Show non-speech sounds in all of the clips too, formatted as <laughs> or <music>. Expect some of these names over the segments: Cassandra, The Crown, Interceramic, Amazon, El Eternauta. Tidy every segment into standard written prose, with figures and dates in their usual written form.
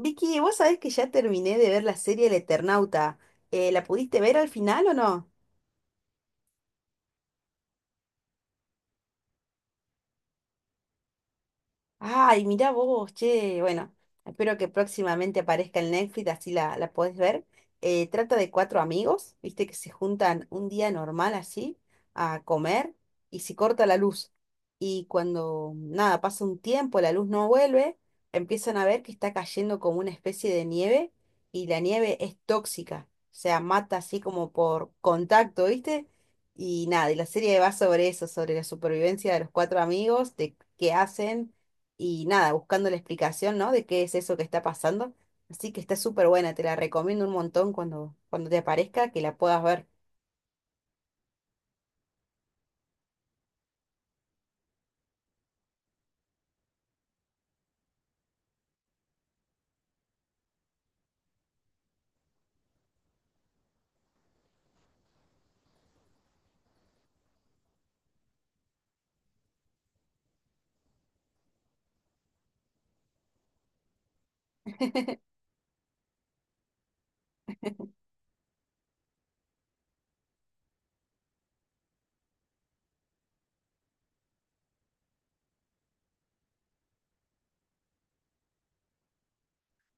Vicky, vos sabés que ya terminé de ver la serie El Eternauta. ¿la pudiste ver al final o no? Ay, mirá vos, che, bueno, espero que próximamente aparezca en Netflix, así la podés ver. Trata de cuatro amigos, viste, que se juntan un día normal así a comer y se corta la luz. Y cuando, nada, pasa un tiempo, la luz no vuelve, empiezan a ver que está cayendo como una especie de nieve y la nieve es tóxica, o sea, mata así como por contacto, viste. Y nada, y la serie va sobre eso, sobre la supervivencia de los cuatro amigos, de qué hacen y nada, buscando la explicación, ¿no? De qué es eso que está pasando. Así que está súper buena, te la recomiendo un montón cuando, cuando te aparezca, que la puedas ver.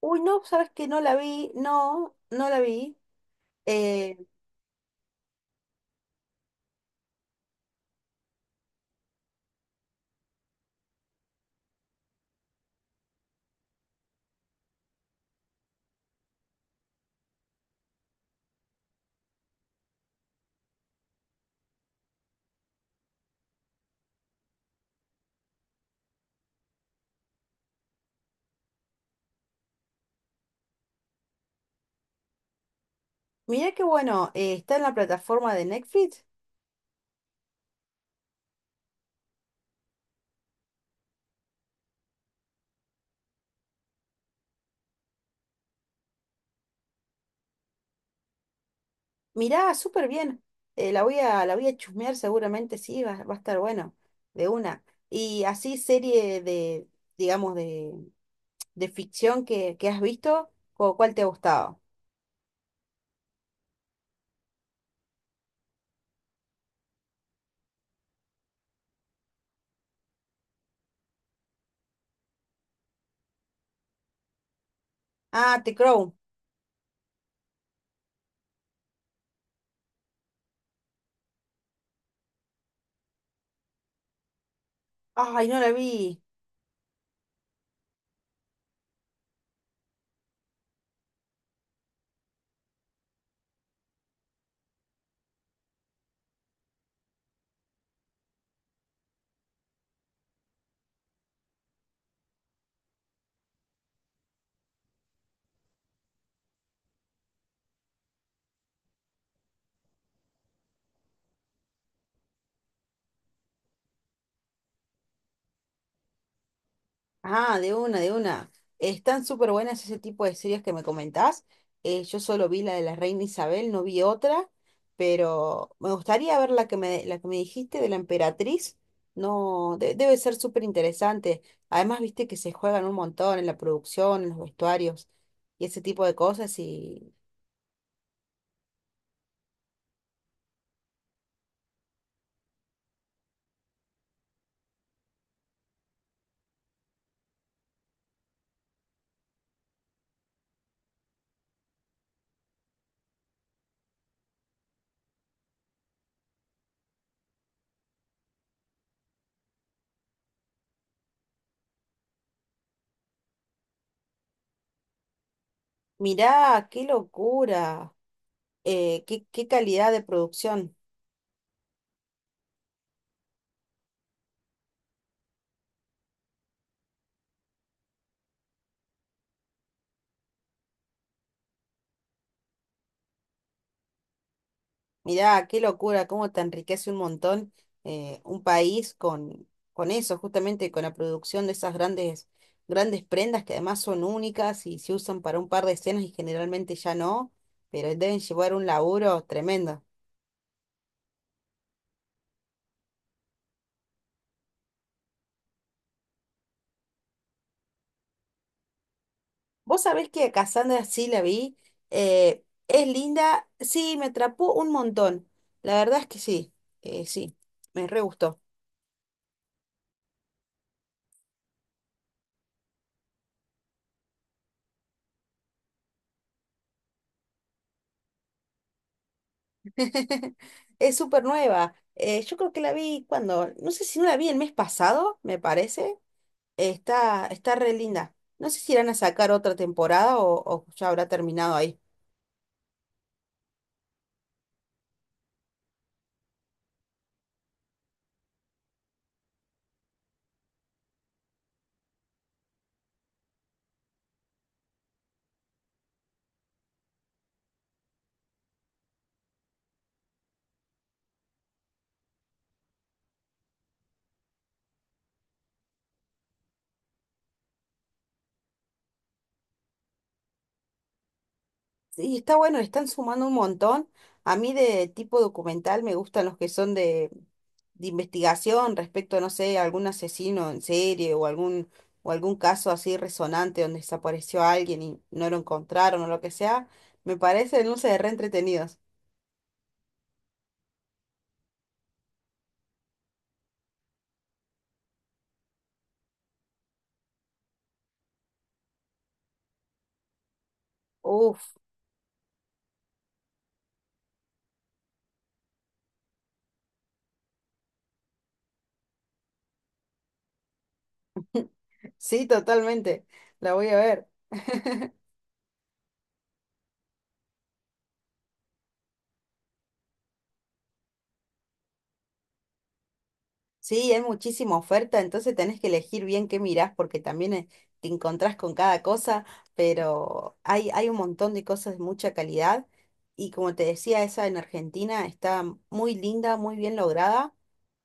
Uy, no, sabes que no la vi, no, no la vi. Eh, Mirá qué bueno, está en la plataforma de Netflix. Mirá, súper bien. La voy a chusmear seguramente, sí, va, va a estar bueno, de una. Y así serie de, digamos, de ficción que has visto, ¿cuál te ha gustado? Ah, The Crown. Ay, no la vi. Ah, de una, de una. Están súper buenas ese tipo de series que me comentás. Yo solo vi la de la Reina Isabel, no vi otra, pero me gustaría ver la que me dijiste de la Emperatriz. No, debe ser súper interesante. Además, viste que se juegan un montón en la producción, en los vestuarios y ese tipo de cosas. Y mirá, qué locura, qué, qué calidad de producción. Mirá, qué locura, cómo te enriquece un montón un país con eso, justamente con la producción de esas grandes, grandes prendas que además son únicas y se usan para un par de escenas y generalmente ya no, pero deben llevar un laburo tremendo. Vos sabés que a Cassandra sí la vi, es linda, sí, me atrapó un montón, la verdad es que sí, sí, me re gustó. <laughs> Es súper nueva. Yo creo que la vi cuando, no sé si no la vi el mes pasado, me parece. Está, está re linda. No sé si irán a sacar otra temporada o ya habrá terminado ahí. Sí, está bueno, le están sumando un montón. A mí de tipo documental me gustan los que son de investigación respecto, no sé, a algún asesino en serie o o algún caso así resonante donde desapareció alguien y no lo encontraron o lo que sea. Me parecen, no sé, re entretenidos. Uf. Sí, totalmente. La voy a ver. <laughs> Sí, hay muchísima oferta, entonces tenés que elegir bien qué mirás porque también te encontrás con cada cosa, pero hay un montón de cosas de mucha calidad y como te decía, esa en Argentina está muy linda, muy bien lograda.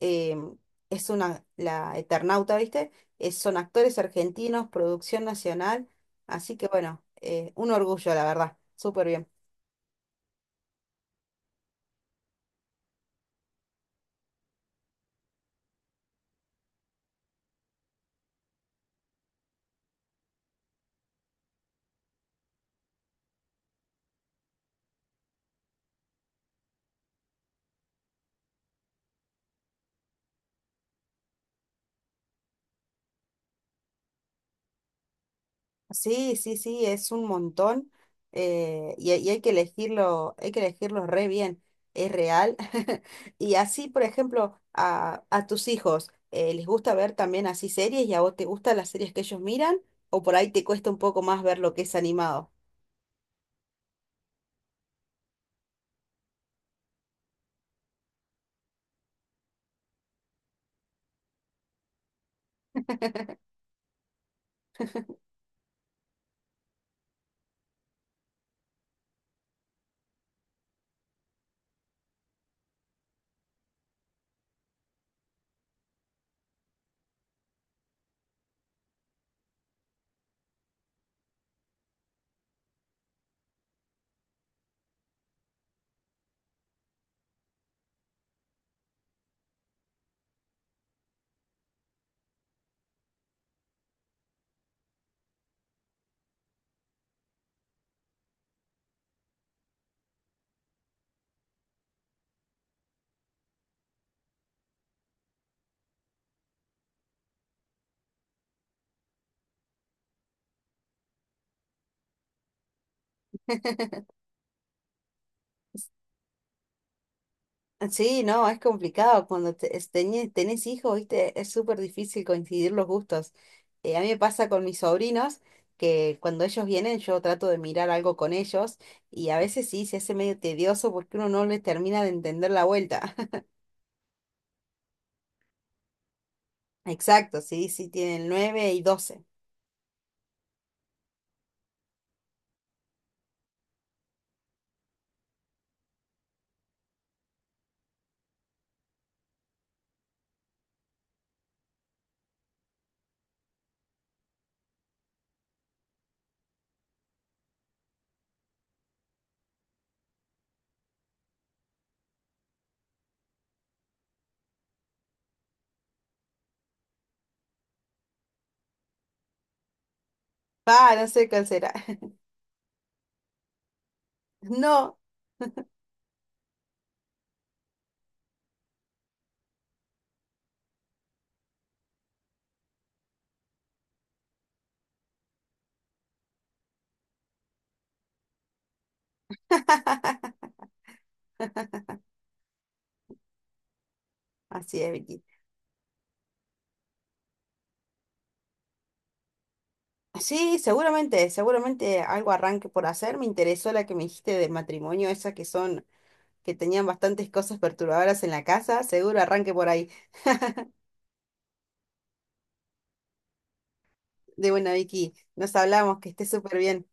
em, es una, la Eternauta, ¿viste? Son actores argentinos, producción nacional, así que bueno, un orgullo, la verdad, súper bien. Sí, sí, sí, es un montón y hay que elegirlo re bien, es real. <laughs> Y así, por ejemplo, a tus hijos, ¿les gusta ver también así series y a vos te gustan las series que ellos miran? ¿O por ahí te cuesta un poco más ver lo que es animado? <laughs> Sí, no, es complicado. Cuando tenés hijos, viste, es súper difícil coincidir los gustos. A mí me pasa con mis sobrinos que cuando ellos vienen yo trato de mirar algo con ellos y a veces sí se hace medio tedioso porque uno no les termina de entender la vuelta. <laughs> Exacto, sí, sí tienen nueve y 12. Ah, no sé cuál será. <laughs> No. <laughs> Así es, Vicky. Sí, seguramente, seguramente algo arranque por hacer. Me interesó la que me dijiste del matrimonio, esa que son que tenían bastantes cosas perturbadoras en la casa, seguro arranque por ahí. De buena, Vicky, nos hablamos, que estés súper bien.